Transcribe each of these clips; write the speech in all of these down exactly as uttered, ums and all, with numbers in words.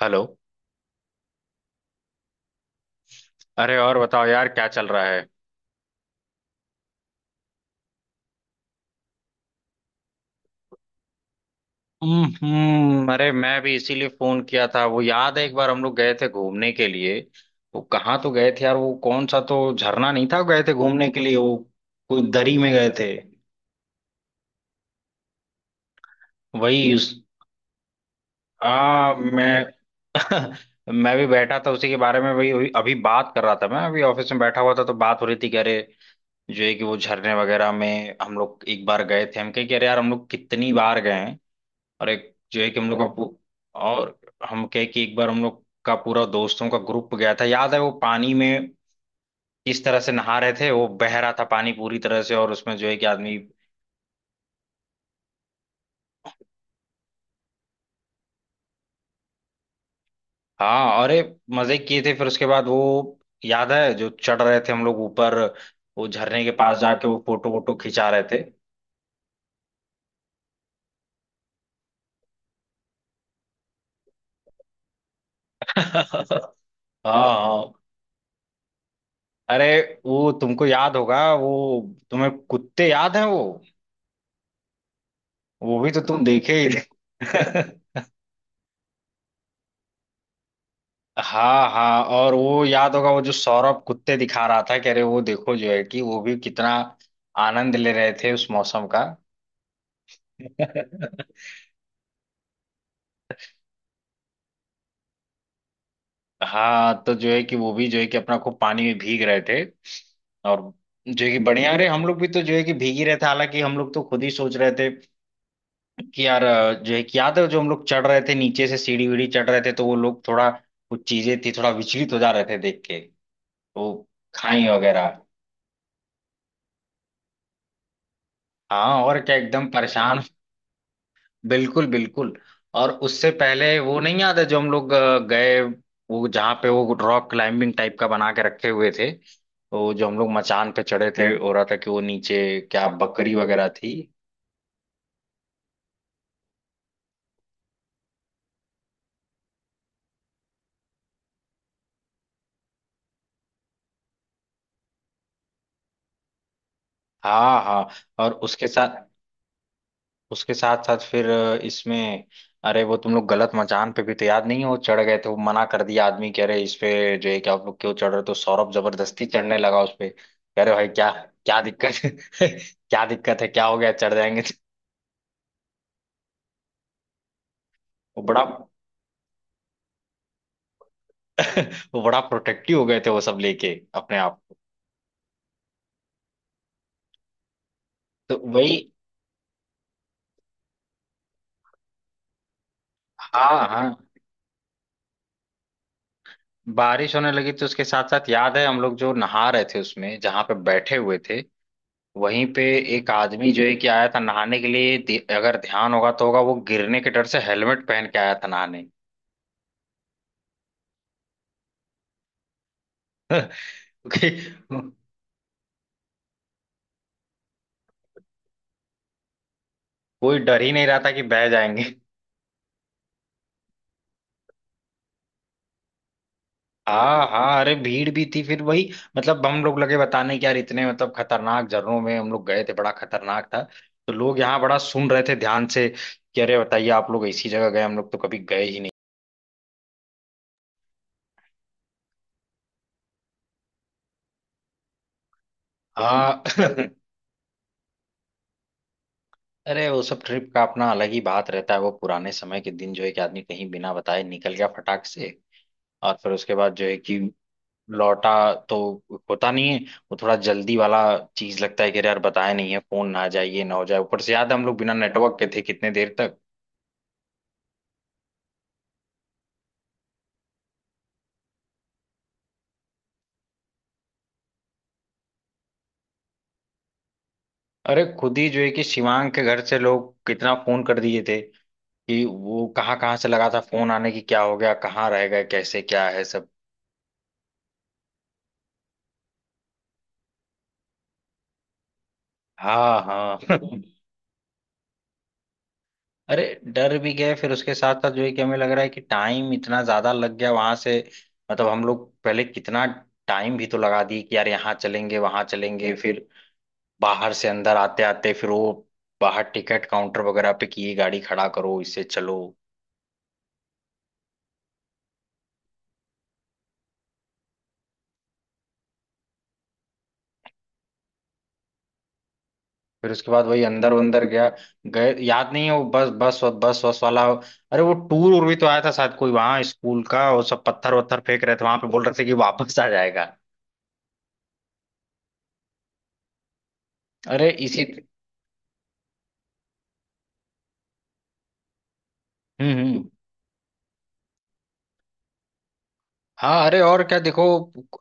Hello. अरे और बताओ यार, क्या चल रहा है? हम्म हम्म, अरे मैं भी इसीलिए फोन किया था, वो याद है एक बार हम लोग गए थे घूमने के लिए? वो कहाँ तो गए थे यार, वो कौन सा तो झरना नहीं था, गए थे घूमने के लिए वो? कोई दरी में गए थे। वही उस आ मैं मैं भी बैठा था उसी के बारे में। वही वही अभी बात कर रहा था, मैं अभी ऑफिस में बैठा हुआ था तो बात हो रही थी कि अरे जो है कि वो झरने वगैरह में हम लोग एक बार गए थे। हम कहे कि अरे यार हम लोग कितनी बार गए हैं, और एक जो है कि हम लोग का पू- और हम कहे कि एक बार हम लोग का पूरा दोस्तों का ग्रुप गया था। याद है वो पानी में किस तरह से नहा रहे थे, वो बह रहा था पानी पूरी तरह से, और उसमें जो है कि आदमी। हाँ अरे, मजे किए थे फिर उसके बाद वो, याद है जो चढ़ रहे थे हम लोग ऊपर, वो झरने के पास जाके वो फोटो वोटो खिंचा रहे थे। हाँ हाँ, अरे वो तुमको याद होगा वो, तुम्हें कुत्ते याद है वो वो भी तो तुम देखे ही थे। हाँ हाँ, और वो याद होगा वो जो सौरभ कुत्ते दिखा रहा था, कह रहे वो देखो जो है कि वो भी कितना आनंद ले रहे थे उस मौसम का। हाँ तो जो है कि वो भी जो है कि अपना को पानी में भीग रहे थे, और जो है कि बढ़िया। अरे हम लोग भी तो जो है कि भीग ही रहे थे, हालांकि हम लोग तो खुद ही सोच रहे थे कि यार अ, जो है कि याद है जो हम लोग चढ़ रहे थे, नीचे से सीढ़ी वीढ़ी चढ़ रहे थे तो वो लोग थोड़ा, कुछ चीजें थी, थोड़ा विचलित हो जा रहे थे देख के, वो खाई वगैरह। हाँ और क्या एकदम परेशान। बिल्कुल बिल्कुल, और उससे पहले वो नहीं याद है जो हम लोग अ, गए, वो जहाँ पे वो रॉक क्लाइंबिंग टाइप का बना के रखे हुए थे, तो जो हम लोग मचान पे चढ़े थे, हो रहा था कि वो नीचे क्या बकरी वगैरह थी। हाँ हाँ, और उसके साथ, उसके साथ साथ फिर अ, इसमें अरे वो तुम लोग गलत मचान पे भी तो याद नहीं है वो चढ़ गए थे, वो मना कर दिया आदमी कि अरे इस पे जो है कि आप लोग क्यों चढ़ रहे हो, तो सौरभ जबरदस्ती चढ़ने लगा उस पे, कह रहे भाई क्या, क्या दिक्कत है? क्या दिक्कत है, क्या हो गया, चढ़ जाएंगे तो। वो बड़ा वो बड़ा प्रोटेक्टिव हो गए थे वो सब लेके अपने आप को। तो वही हाँ हाँ, बारिश होने लगी तो उसके साथ साथ याद है हम लोग जो नहा रहे थे उसमें, जहां पे बैठे हुए थे वहीं पे एक आदमी जो है कि आया था नहाने के लिए, दे- अगर ध्यान होगा तो होगा, वो गिरने के डर से हेलमेट पहन के आया था नहाने। क्योंकि कोई डर ही नहीं रहा था कि बह जाएंगे। हाँ हाँ, अरे भीड़ भी थी फिर वही, मतलब हम लोग लगे बताने कि यार इतने मतलब खतरनाक झरनों में हम लोग गए थे, बड़ा खतरनाक था, तो लोग यहाँ बड़ा सुन रहे थे ध्यान से, कि अरे बताइए आप लोग ऐसी जगह गए, हम लोग तो कभी गए ही नहीं। हाँ। अरे वो सब ट्रिप का अपना अलग ही बात रहता है। वो पुराने समय के दिन जो है कि आदमी कहीं बिना बताए निकल गया फटाक से, और फिर उसके बाद जो है कि लौटा, तो होता नहीं है। वो थोड़ा जल्दी वाला चीज लगता है कि अरे यार बताया नहीं है, फोन ना आ जाए, ये ना हो जाए, ऊपर से याद है हम लोग बिना नेटवर्क के थे कितने देर तक। अरे खुद ही जो है कि शिवांग के घर से लोग कितना फोन कर दिए थे, कि वो कहाँ कहाँ से लगा था फोन आने की, क्या हो गया, कहाँ रह गए, कैसे क्या है सब। हाँ हाँ। अरे डर भी गए, फिर उसके साथ साथ जो है कि हमें लग रहा है कि टाइम इतना ज्यादा लग गया वहां से, मतलब हम लोग पहले कितना टाइम भी तो लगा दिए कि यार यहाँ चलेंगे वहां चलेंगे, फिर बाहर से अंदर आते आते फिर वो बाहर टिकट काउंटर वगैरह पे किए, गाड़ी खड़ा करो इससे चलो, फिर उसके बाद वही अंदर अंदर गया। गए याद नहीं है वो बस बस बस बस वाला, अरे वो टूर उर भी तो आया था शायद कोई वहां स्कूल का, वो सब पत्थर वत्थर फेंक रहे थे वहां पे, बोल रहे थे कि वापस आ जाएगा। अरे इसी हम्म हम्म। हाँ अरे और क्या देखो,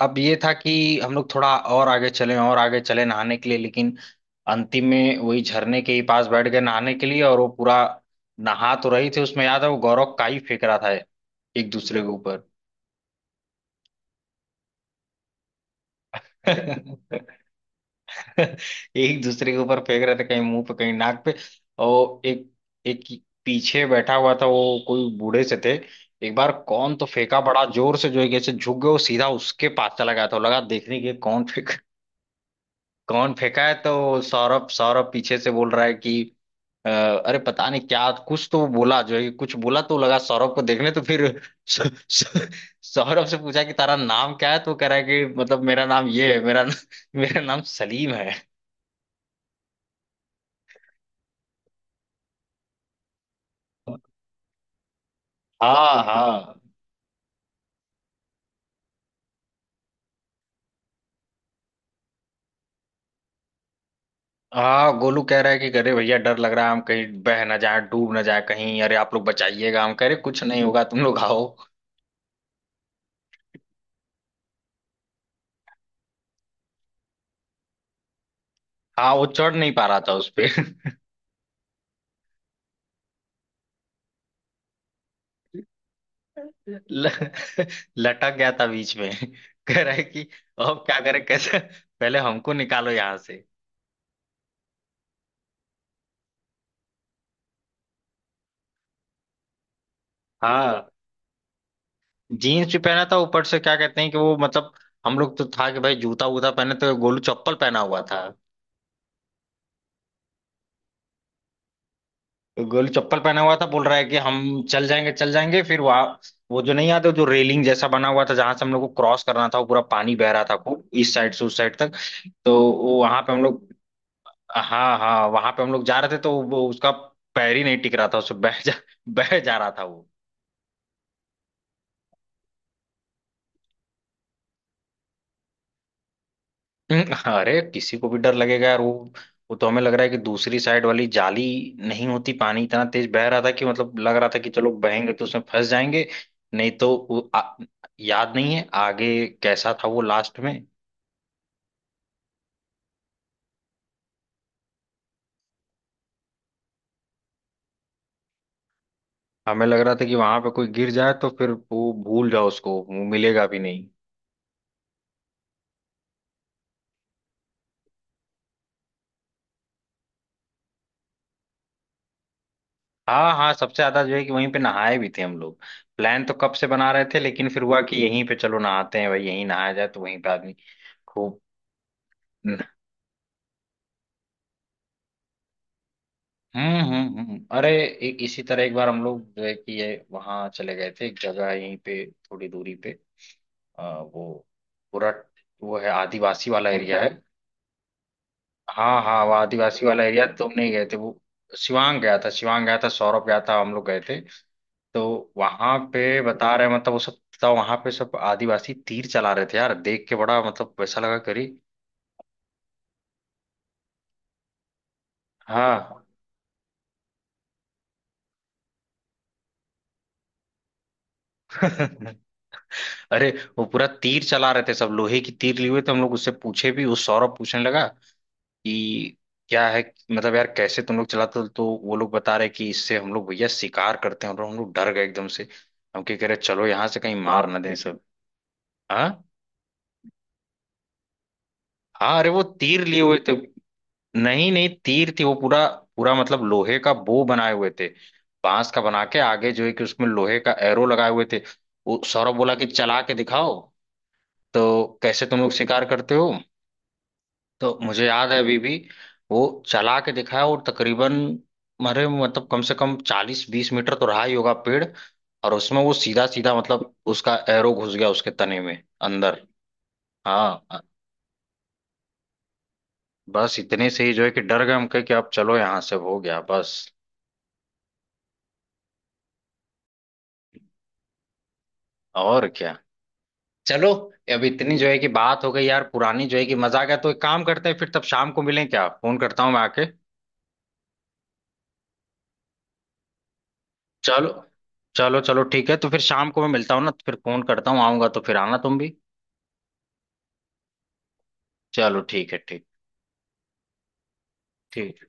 अब ये था कि हम लोग थोड़ा और आगे चले और आगे चले नहाने के लिए, लेकिन अंतिम में वही झरने के ही पास बैठ गए नहाने के लिए, और वो पूरा नहा तो रही थी उसमें। याद है वो गौरव काई फेंक रहा था एक दूसरे के ऊपर। एक दूसरे के ऊपर फेंक रहे थे, कहीं मुंह पे कहीं नाक पे, और एक एक पीछे बैठा हुआ था वो कोई बूढ़े से थे। एक बार कौन तो फेंका बड़ा जोर से, जो है कैसे झुक गए, वो सीधा उसके पास चला गया था, लगा देखने के कौन फेंक, कौन फेंका है। तो सौरभ सौरभ पीछे से बोल रहा है कि अ, अरे पता नहीं क्या कुछ तो वो बोला जो है कि कुछ बोला तो लगा सौरभ को देखने, तो फिर सौ- सौ- सौरभ से पूछा कि तारा नाम क्या है, तो कह रहा है कि मतलब मेरा नाम ये है, मेरा मेरा नाम सलीम है। हाँ हाँ हाँ, गोलू कह रहा है कि अरे भैया डर लग रहा है, हम कहीं बह ना जाए, डूब ना जाए कहीं, अरे आप लोग बचाइएगा, हम कह रहे कुछ नहीं होगा तुम लोग आओ। हाँ, वो चढ़ नहीं पा रहा था उस पे। ल- लटक गया था बीच में, कह रहा है कि अब क्या करें कैसे, पहले हमको निकालो यहाँ से। हाँ जीन्स भी पहना था ऊपर से, क्या कहते हैं कि वो मतलब, हम लोग तो था कि भाई जूता वूता पहने, तो गोलू चप्पल पहना हुआ था। गोलू चप्पल पहना हुआ था, बोल रहा है कि हम चल जाएंगे चल जाएंगे, फिर वहां वो जो नहीं आता जो रेलिंग जैसा बना हुआ था, जहां से हम लोग को क्रॉस करना था वो पूरा पानी बह रहा था खूब, इस साइड से उस साइड तक। तो वो वहां पे हम लोग। हाँ हाँ, वहां पे हम लोग जा रहे थे तो वो उसका पैर ही नहीं टिक रहा था, उससे बह जा बह जा रहा था वो। हम्म, अरे किसी को भी डर लगेगा यार वो वो तो हमें लग रहा है कि दूसरी साइड वाली जाली नहीं होती, पानी इतना तेज बह रहा था कि मतलब लग रहा था कि चलो बहेंगे तो उसमें फंस जाएंगे। नहीं तो वो आ, याद नहीं है आगे कैसा था वो लास्ट में। हमें लग रहा था कि वहां पे कोई गिर जाए तो फिर वो भूल जाओ उसको, वो मिलेगा भी नहीं। हाँ हाँ, सबसे ज्यादा जो है कि वहीं पे नहाए भी थे हम लोग। प्लान तो कब से बना रहे थे, लेकिन फिर हुआ कि यहीं पे चलो नहाते हैं भाई, यहीं नहाया जाए, तो वहीं पे आदमी खूब। हम्म हम्म हम्म। अरे इ, इसी तरह एक बार हम लोग जो है कि ये वहाँ चले गए थे एक जगह यहीं पे थोड़ी दूरी पे, आ, वो पूरा वो है आदिवासी वाला एरिया है। हाँ हाँ, वो आदिवासी वाला एरिया तुम नहीं गए थे वो, शिवांग गया था शिवांग गया था, सौरभ गया था, हम लोग गए थे, तो वहां पे बता रहे मतलब वो सब था, वहां पे सब आदिवासी तीर चला रहे थे यार, देख के बड़ा मतलब वैसा लगा करी। हाँ। अरे वो पूरा तीर चला रहे थे सब, लोहे की तीर लिए हुए थे, हम लोग उससे पूछे भी, उस सौरभ पूछने लगा कि क्या है कि- मतलब यार कैसे तुम लोग चलाते हो, तो वो लोग बता रहे कि इससे हम लोग भैया शिकार करते हैं, और हम लोग डर गए एकदम से। हम क्या कह रहे चलो यहाँ से, कहीं मार हाँ ना दें बाप सब। हाँ हाँ, अरे वो तीर लिए हुए थे, नहीं नहीं तीर थी वो पूरा, पूरा मतलब लोहे का बो बनाए हुए थे, बांस का बना के आगे जो है कि उसमें लोहे का एरो लगाए हुए थे। वो सौरभ बोला कि चला के दिखाओ, तो कैसे तुम लोग शिकार करते हो। तो मुझे याद है अभी भी वो चला के दिखाया, और तकरीबन मरे मतलब कम से कम चालीस बीस मीटर तो रहा ही होगा पेड़, और उसमें वो सीधा सीधा मतलब उसका एरो घुस गया उसके तने में अंदर। हाँ अ- बस इतने से ही जो है कि डर गए, हम कहे कि अब चलो यहाँ से हो गया बस। और क्या, चलो। अब इतनी जो है कि बात हो गई यार पुरानी, जो है कि मजा आ गया, तो एक काम करते हैं फिर तब शाम को मिलें क्या, फोन करता हूँ मैं आके। चलो चलो चलो ठीक है, तो फिर शाम को मैं मिलता हूँ ना, तो फिर फोन करता हूँ, आऊंगा तो फिर आना तुम भी। चलो ठीक है ठीक, ठीक।